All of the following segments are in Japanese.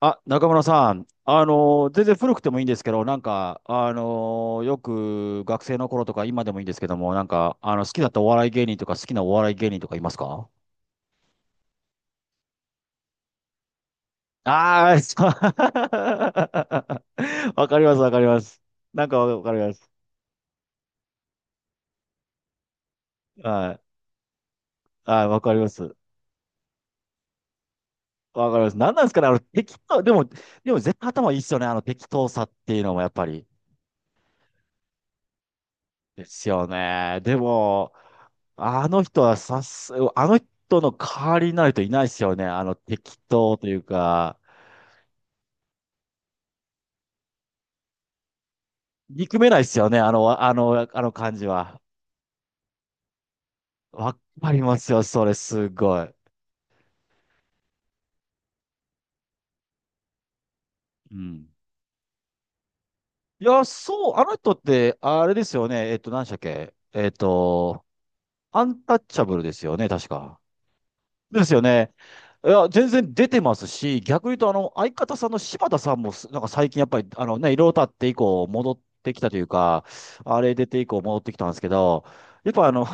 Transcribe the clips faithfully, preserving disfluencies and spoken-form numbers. あ、中村さん、あのー全然古くてもいいんですけど、なんか、あのーよく学生の頃とか今でもいいんですけども、なんか、あの、好きだったお笑い芸人とか好きなお笑い芸人とかいますか？ああー、そう。 わかります、わかります。なんかわかります。はい。はい、わかります。わかります。なんなんですかね、あの、適当、でも、でも絶対頭いいっすよね、あの適当さっていうのもやっぱり。ですよね。でも、あの人はさす、あの人の代わりになる人いないですよね。あの適当というか、憎めないですよね。あの、あの、あの感じは。わかりますよ、それ、すごい。うん。いや、そう、あの人って、あれですよね。えっと、何でしたっけえっと、アンタッチャブルですよね、確か。ですよね。いや、全然出てますし、逆に言うと、あの、相方さんの柴田さんもす、なんか最近やっぱり、あのね、いろいろ経って以降、戻ってきたというか、あれ出て以降戻ってきたんですけど、やっぱあの、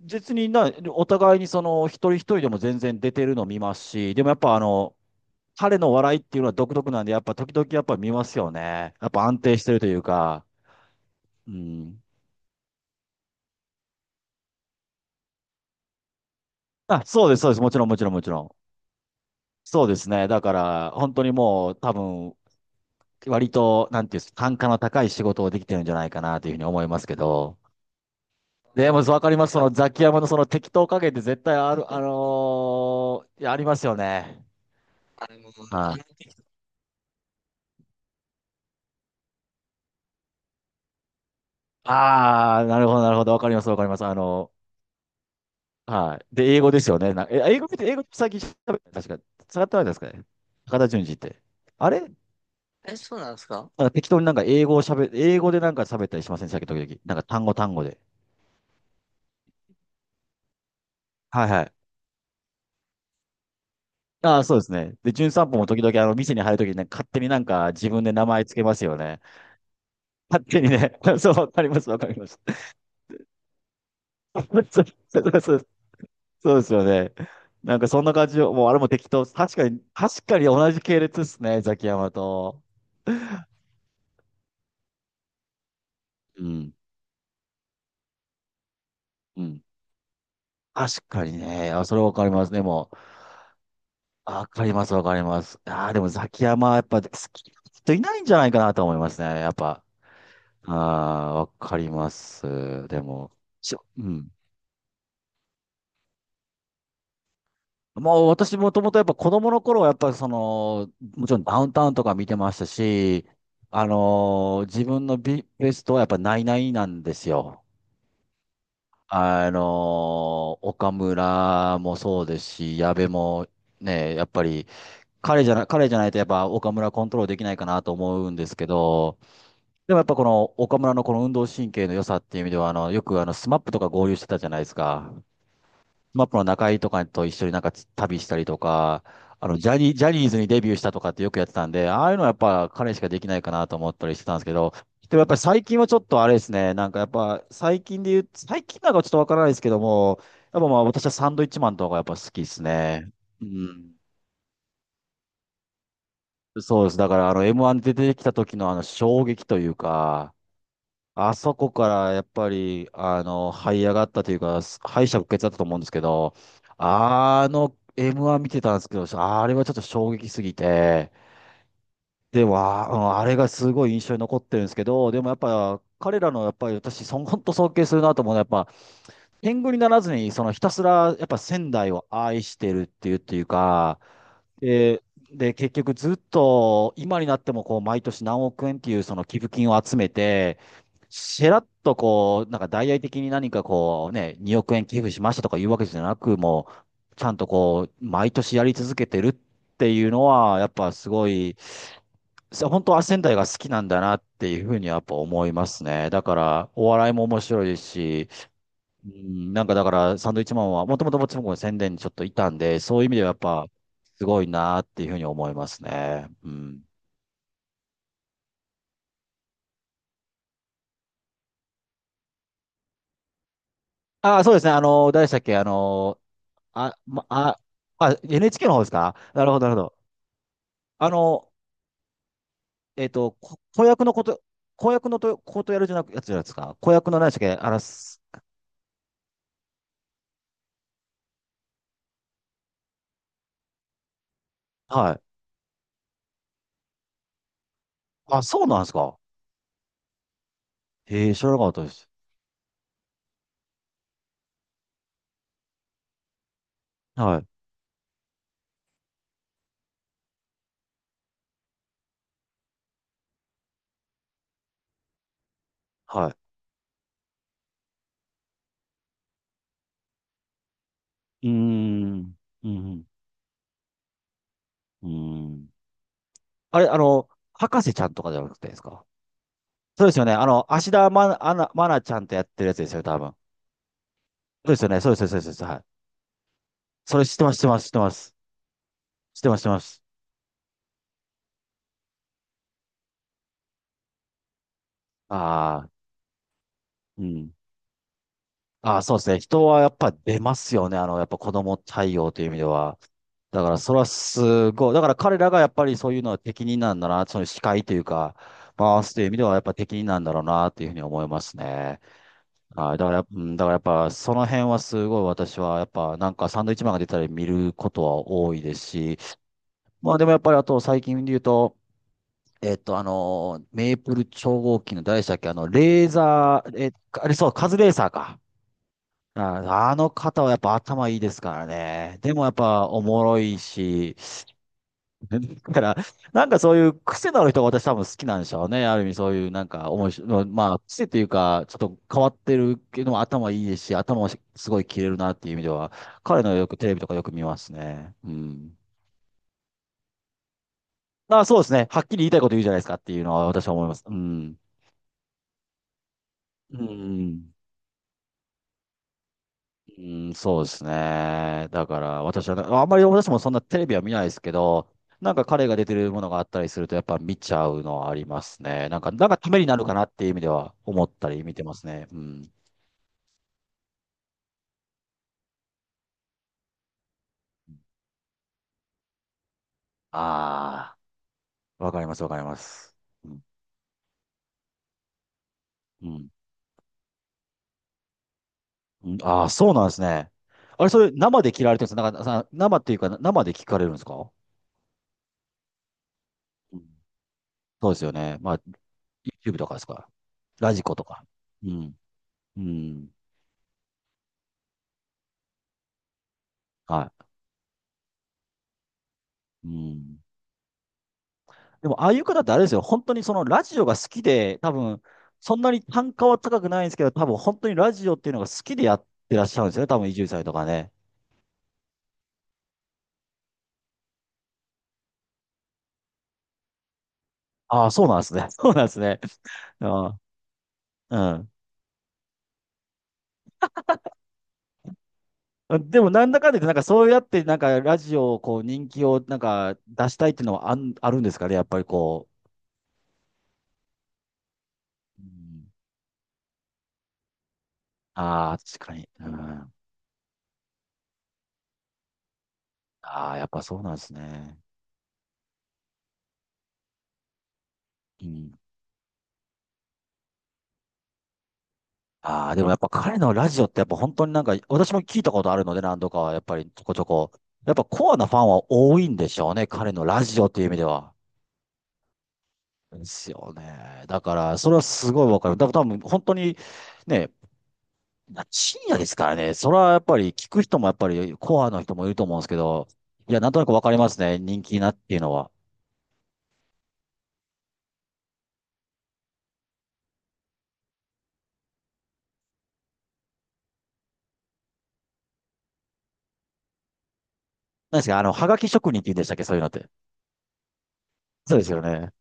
別にな、お互いにその、一人一人でも全然出てるの見ますし、でもやっぱあの、彼の笑いっていうのは独特なんで、やっぱ時々やっぱ見ますよね。やっぱ安定してるというか、うん。あ、そうです、そうです。もちろん、もちろん、もちろん。そうですね。だから、本当にもう、多分、割と、なんていうんですか、単価の高い仕事をできてるんじゃないかなというふうに思いますけど、でも、そうわかります。そのザキヤマのその適当加減って絶対ある、あのーいやありますよね。はい。ああ、なるほど、なるほど。わかります、わかります。あの、はい。で、英語ですよね。な、え、英語って、英語って最近喋った確か、使ってないですかね。高田純次って。あれ、なんか適当になんか英語を喋、英語でなんか喋ったりしませんでしたっけ、時々。なんか単語単語で。はいはい。ああ、そうですね。で、『ん散歩』も時々あの、店に入るときにね、勝手になんか自分で名前つけますよね。勝手にね、そう、わかります、わかります。そう、そうそう。そうですよね。なんかそんな感じを、もうあれも適当。確かに、確かに同じ系列ですね、ザキヤマと。うん、うん。確かにね。あ、それわかりますね、もう。あ、わかります、わかります。ああ、でもザキヤマはやっぱ好きな人いないんじゃないかなと思いますね、やっぱ。ああ、わかります。でも、しょ、うん。まあ、私もともとやっぱ子供の頃はやっぱその、もちろんダウンタウンとか見てましたし、あのー自分のビ、ベストはやっぱナイナイなんですよ。あのー岡村もそうですし、矢部もね、やっぱり彼じゃな、彼じゃないとやっぱ岡村コントロールできないかなと思うんですけど、でもやっぱこの岡村のこの運動神経の良さっていう意味では、あの、よくあの、スマップとか合流してたじゃないですか。マップの中井とかと一緒になんか旅したりとか、あの、ジャニー、ジャニーズにデビューしたとかってよくやってたんで、ああいうのはやっぱ彼しかできないかなと思ったりしてたんですけど、でもやっぱり最近はちょっとあれですね、なんかやっぱ最近で言う、最近なんかちょっとわからないですけども、やっぱまあ私はサンドイッチマンとかがやっぱ好きですね。うん。そうです。だからあの エムワン で出てきた時のあの衝撃というか、あそこからやっぱり、あの、這い上がったというか、敗者復活だったと思うんですけど、あの エムワン 見てたんですけど、あれはちょっと衝撃すぎて、でも、あうんあれがすごい印象に残ってるんですけど、でもやっぱ、彼らのやっぱり私、そ本当尊敬するなと思うのは、やっぱ、天狗にならずに、そのひたすら、やっぱ仙台を愛してるっていう、っていうか、で、で、結局ずっと今になってもこう毎年何億円っていうその寄付金を集めて、しらっとこう、なんか大々的に何かこうね、におくえん円寄付しましたとかいうわけじゃなく、もうちゃんとこう、毎年やり続けてるっていうのは、やっぱすごい、さ本当、仙台が好きなんだなっていうふうにやっぱ思いますね。だから、お笑いも面白いですし、うん、なんかだから、サンドイッチマンは、もともと僕もちろん宣伝にちょっといたんで、そういう意味ではやっぱ、すごいなっていうふうに思いますね。うん。ああ、そうですね。あの、誰でしたっけあの、あ、ま、あ、あ、エヌエイチケー の方ですか？なるほど、なるほど。あの、えっと、こ子役のこと、子役のと、ことやるじゃなく、やつじゃないですか。子役の何でしたっけあらす、はい。あ、そうなんですか。へえ、知らなかったです。はい、はい。うーん、うん、うん。うーん、あれ、あの、博士ちゃんとかじゃなくてですか？そうですよね。あの、芦田愛菜、愛菜愛菜ちゃんとやってるやつですよ、多分。そうですよね。そうです、そうです、そうです。はい。それ知ってます、知ってます、知ってます。知ってます、知ってます。ああ、うん。ああ、そうですね。人はやっぱ出ますよね。あの、やっぱ子供対応という意味では。だから、それはすごい。だから彼らがやっぱりそういうのは適任なんだな。その司会というか、回すという意味ではやっぱ適任なんだろうな、というふうに思いますね。はい、だから、うん、だからやっぱ、その辺はすごい私は、やっぱ、なんかサンドイッチマンが出たり見ることは多いですし、まあでもやっぱりあと最近で言うと、えっと、あのー、メープル超合金の誰でしたっけ、あの、レーザー、え、あれそう、カズレーザーか。ああの方はやっぱ頭いいですからね。でもやっぱおもろいし、だから、なんかそういう癖のある人が私多分好きなんでしょうね。ある意味そういうなんか面白い、まあ癖というか、ちょっと変わってるけども頭いいですし、頭もすごい切れるなっていう意味では、彼のよくテレビとかよく見ますね。うん。あ、そうですね。はっきり言いたいこと言うじゃないですかっていうのは私は思います。うん。うん。うん、そうですね。だから私はね、あんまり私もそんなテレビは見ないですけど、なんか彼が出てるものがあったりするとやっぱ見ちゃうのはありますね。なんか、なんかためになるかなっていう意味では思ったり見てますね。うん。ああ、わかります、わかります。うん。うん。うん、ああ、そうなんですね。あれ、それ生で切られてるんですか？なんかさ、生っていうか生で聞かれるんですか？うん。そうですよね。まあ、YouTube とかですか？ラジコとか。うん。うん。はい。うん。でも、ああいう方ってあれですよ。本当にそのラジオが好きで、多分、そんなに単価は高くないんですけど、多分本当にラジオっていうのが好きでやってらっしゃるんですよね。多分、伊集院さんとかね。ああ、そうなんですね。そうなんですね。ああ、うん。でも、なんだかんだ言って、なんかそうやって、なんかラジオをこう、人気をなんか出したいっていうのはあん、あるんですかね。やっぱりこう。うん、ああ、確かに。うん。ああ、やっぱそうなんですね。うん。ああ、でもやっぱ彼のラジオってやっぱ本当になんか、私も聞いたことあるので何度かはやっぱりちょこちょこ。やっぱコアなファンは多いんでしょうね。彼のラジオっていう意味では。ですよね。だから、それはすごいわかる。だから多分本当にね、深夜ですからね。それはやっぱり聞く人もやっぱりコアの人もいると思うんですけど、いや、なんとなくわかりますね。人気なっていうのは。何ですかあの、はがき職人って言うんでしたっけ？そういうのって。そうですよね。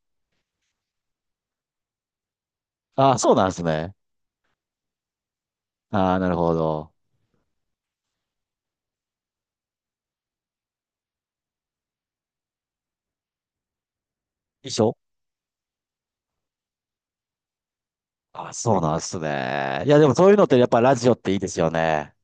ああ、そうなんですね。ああ、なるほど。衣装あ、そうなんですね。いや、でもそういうのってやっぱラジオっていいですよね。